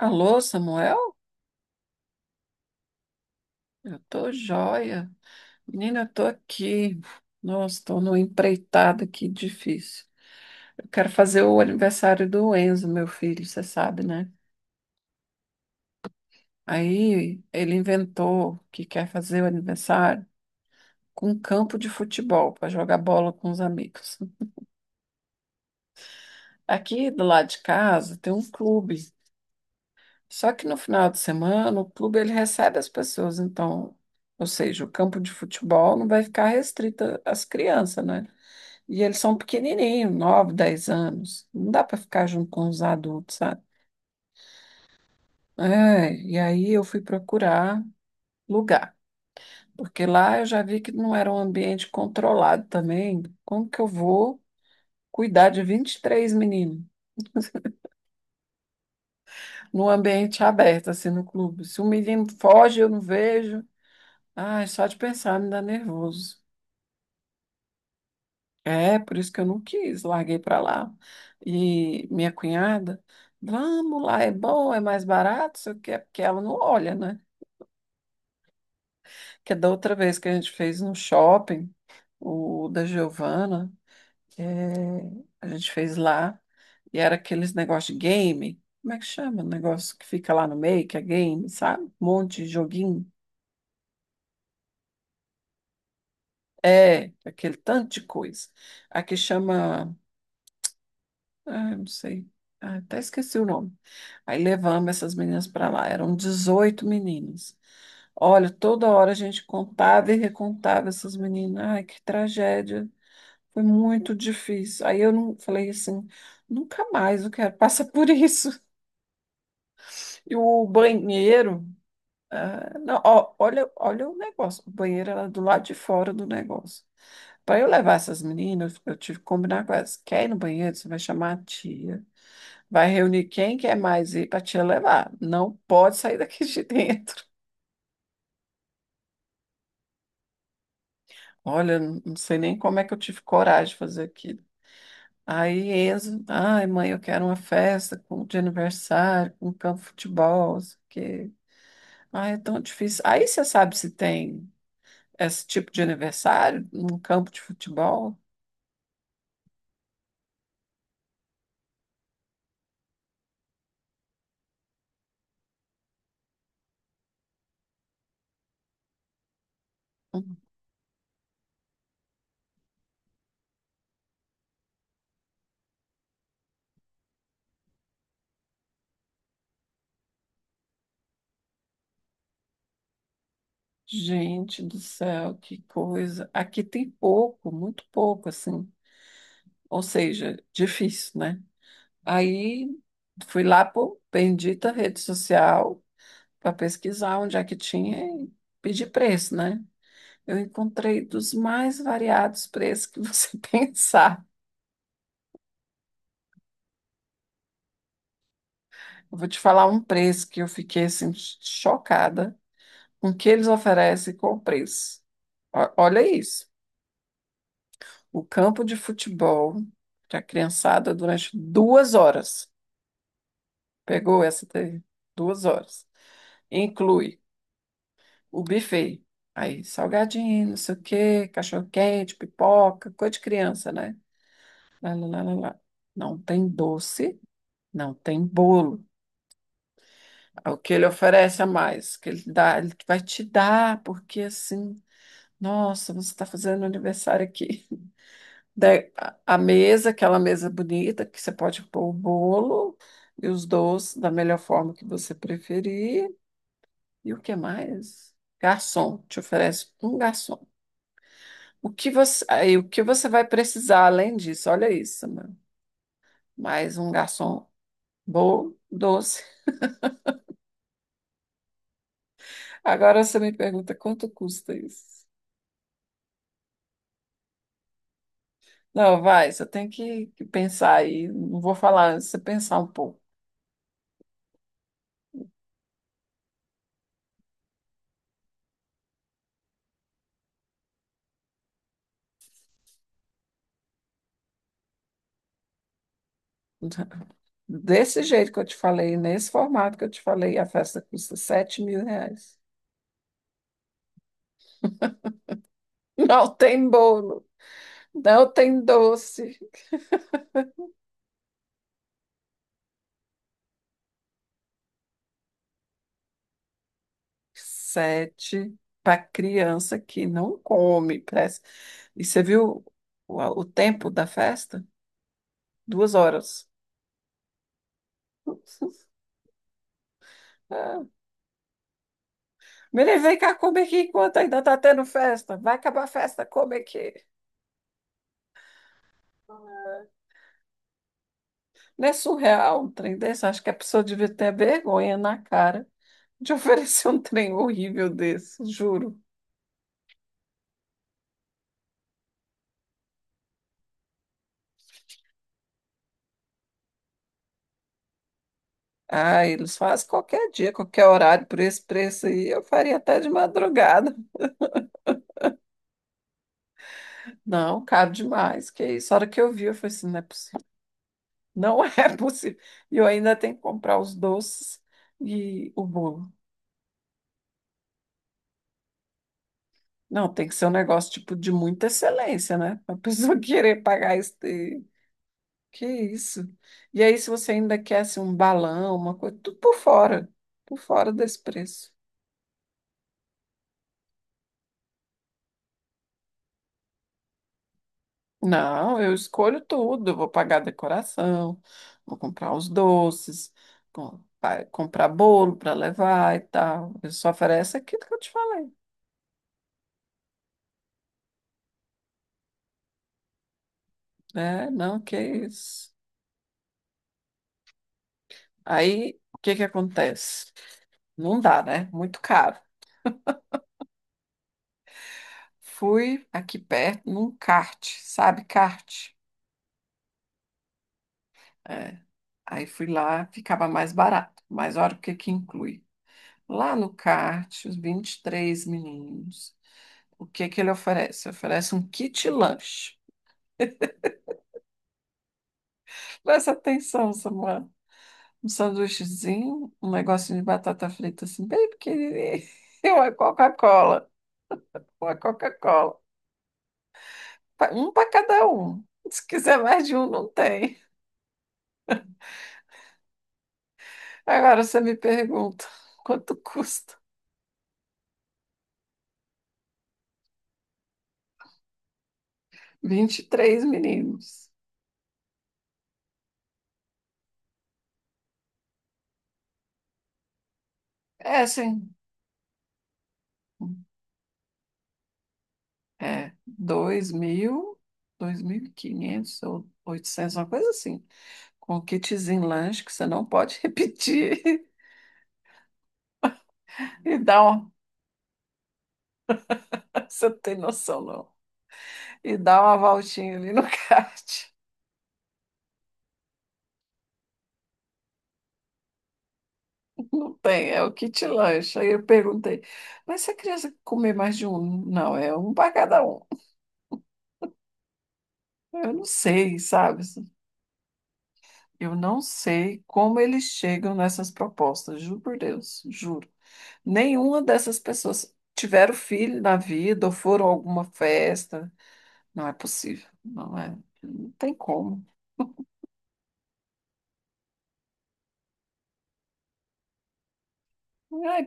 Alô, Samuel? Eu tô joia. Menina, eu tô aqui. Nossa, tô numa empreitada aqui difícil. Eu quero fazer o aniversário do Enzo, meu filho, você sabe, né? Aí ele inventou que quer fazer o aniversário com um campo de futebol para jogar bola com os amigos. Aqui do lado de casa tem um clube. Só que no final de semana o clube ele recebe as pessoas, então, ou seja, o campo de futebol não vai ficar restrito às crianças, né? E eles são pequenininhos, 9, 10 anos. Não dá para ficar junto com os adultos, sabe? É, e aí eu fui procurar lugar, porque lá eu já vi que não era um ambiente controlado também. Como que eu vou cuidar de 23 meninos num ambiente aberto, assim, no clube? Se um menino foge, eu não vejo. Ai, só de pensar me dá nervoso. É, por isso que eu não quis, larguei pra lá. E minha cunhada, vamos lá, é bom, é mais barato, só que é porque ela não olha, né? Que é da outra vez que a gente fez no shopping, o da Giovana, é, a gente fez lá, e era aqueles negócios de game, como é que chama? O negócio que fica lá no meio, que é game, sabe? Um monte de joguinho. É, aquele tanto de coisa. Aqui chama. Ah, eu não sei. Ah, até esqueci o nome. Aí levamos essas meninas para lá. Eram 18 meninas. Olha, toda hora a gente contava e recontava essas meninas. Ai, que tragédia. Foi muito difícil. Aí eu não falei assim, nunca mais eu quero passar por isso. E o banheiro, ah, não, ó, olha o negócio. O banheiro era do lado de fora do negócio. Para eu levar essas meninas, eu tive que combinar com elas. Quer ir no banheiro? Você vai chamar a tia. Vai reunir quem quer mais ir para te levar. Não pode sair daqui de dentro. Olha, não sei nem como é que eu tive coragem de fazer aquilo. Aí Enzo, ai mãe, eu quero uma festa de aniversário, com campo de futebol, não sei o quê. Ai, é tão difícil. Aí você sabe se tem esse tipo de aniversário num campo de futebol? Hum. Gente do céu, que coisa. Aqui tem pouco, muito pouco, assim. Ou seja, difícil, né? Aí fui lá por bendita rede social para pesquisar onde é que tinha e pedir preço, né? Eu encontrei dos mais variados preços que você pensar. Eu vou te falar um preço que eu fiquei assim chocada com o que eles oferecem e com o preço. Olha isso. O campo de futebol para criançada durante 2 horas. Pegou essa daí? 2 horas. Inclui o buffet. Aí, salgadinho, não sei o quê, cachorro-quente, pipoca, coisa de criança, né? Lá, lá, lá, lá, lá. Não tem doce, não tem bolo. É o que ele oferece a mais, o que ele dá, ele vai te dar, porque assim, nossa, você está fazendo aniversário aqui. Daí, a mesa, aquela mesa bonita, que você pode pôr o bolo e os doces da melhor forma que você preferir. E o que mais? Garçom, te oferece um garçom. O que você, aí, o que você vai precisar além disso? Olha isso, mano. Mais um garçom bom, doce. Agora você me pergunta quanto custa isso? Não, vai, você tem que pensar aí. Não vou falar, você pensar um pouco. Desse jeito que eu te falei, nesse formato que eu te falei, a festa custa R$ 7.000. Não tem bolo, não tem doce. Sete para criança que não come, parece. E você viu o tempo da festa? 2 horas. Ah, menino, vem cá, come aqui enquanto ainda tá tendo festa. Vai acabar a festa, come aqui. Não é surreal um trem desse? Acho que a pessoa devia ter vergonha na cara de oferecer um trem horrível desse, juro. Ah, eles fazem qualquer dia, qualquer horário, por esse preço aí, eu faria até de madrugada. Não, caro demais. Que isso? A hora que eu vi, eu falei assim, não é possível. Não é possível. E eu ainda tenho que comprar os doces e o bolo. Não, tem que ser um negócio tipo de muita excelência, né? A pessoa querer pagar este. Que isso? E aí, se você ainda quer assim, um balão, uma coisa, tudo por fora desse preço. Não, eu escolho tudo. Eu vou pagar a decoração, vou comprar os doces, comprar bolo para levar e tal. Eu só ofereço aquilo que eu te falei, né? Não, que isso. Aí, o que que acontece? Não dá, né? Muito caro. Fui aqui perto num kart, sabe kart? É. Aí fui lá, ficava mais barato. Mas olha o que que inclui. Lá no kart, os 23 meninos. O que que ele oferece? Oferece um kit lanche. Presta atenção, Samuel. Um sanduíchezinho, um negocinho de batata frita assim, bem pequenininho. E uma Coca-Cola. Uma Coca-Cola. Um para cada um. Se quiser mais de um, não tem. Agora você me pergunta, quanto custa? Vinte e três meninos. É, sim. É, 2.000, 2.500 ou 800 uma coisa assim. Com um kitzinho lanche que você não pode repetir. E dá uma. Você não tem noção, não. E dá uma voltinha ali no kart. Não tem, é o kit lanche. Aí eu perguntei, mas se a criança comer mais de um? Não, é um para cada um. Eu não sei, sabe? Eu não sei como eles chegam nessas propostas, juro por Deus, juro. Nenhuma dessas pessoas tiveram filho na vida ou foram a alguma festa. Não é possível, não é. Não tem como. Ai,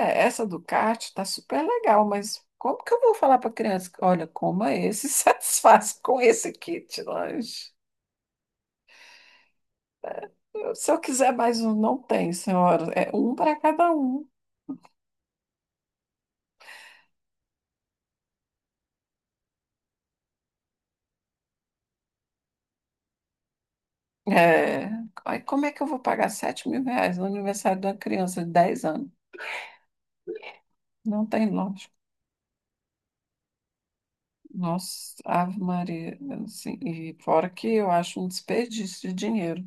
é, essa Ducati tá super legal, mas como que eu vou falar para criança? Que, olha, coma esse, satisfaz com esse kit lanche. Se eu quiser mais um, não tem, senhora. É um para cada um. É, aí como é que eu vou pagar R$ 7.000 no aniversário de uma criança de 10 anos? Não tem lógico. Nossa, Ave Maria. Assim, e fora que eu acho um desperdício de dinheiro.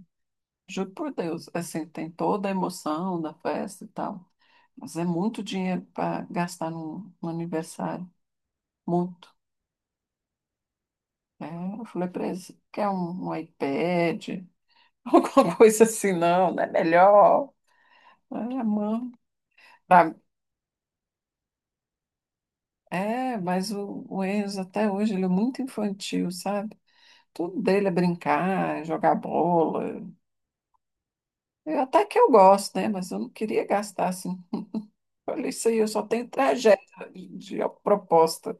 Juro por Deus. Assim, tem toda a emoção da festa e tal. Mas é muito dinheiro para gastar num aniversário. Muito. É, eu falei para eles, quer um iPad? Alguma coisa assim, não, não é melhor. Ah, mano. Pra- É, mas o Enzo até hoje ele é muito infantil, sabe? Tudo dele é brincar, é jogar bola. Eu, até que eu gosto, né? Mas eu não queria gastar assim. Olha isso aí, eu só tenho tragédia de proposta.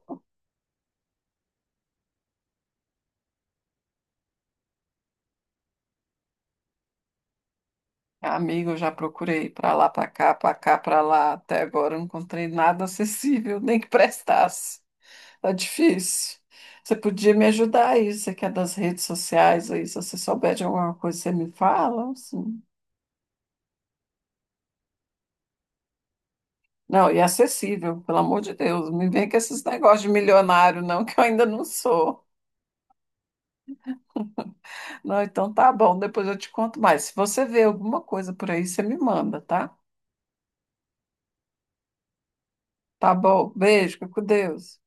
Amigo, eu já procurei pra lá, pra cá, pra cá, pra lá. Até agora eu não encontrei nada acessível, nem que prestasse. Tá difícil. Você podia me ajudar aí, você que é das redes sociais aí, se você souber de alguma coisa, você me fala, assim. Não, e acessível, pelo amor de Deus. Não me vem com esses negócios de milionário, não, que eu ainda não sou. Não, então tá bom, depois eu te conto mais. Se você vê alguma coisa por aí, você me manda, tá? Tá bom, beijo, fica com Deus.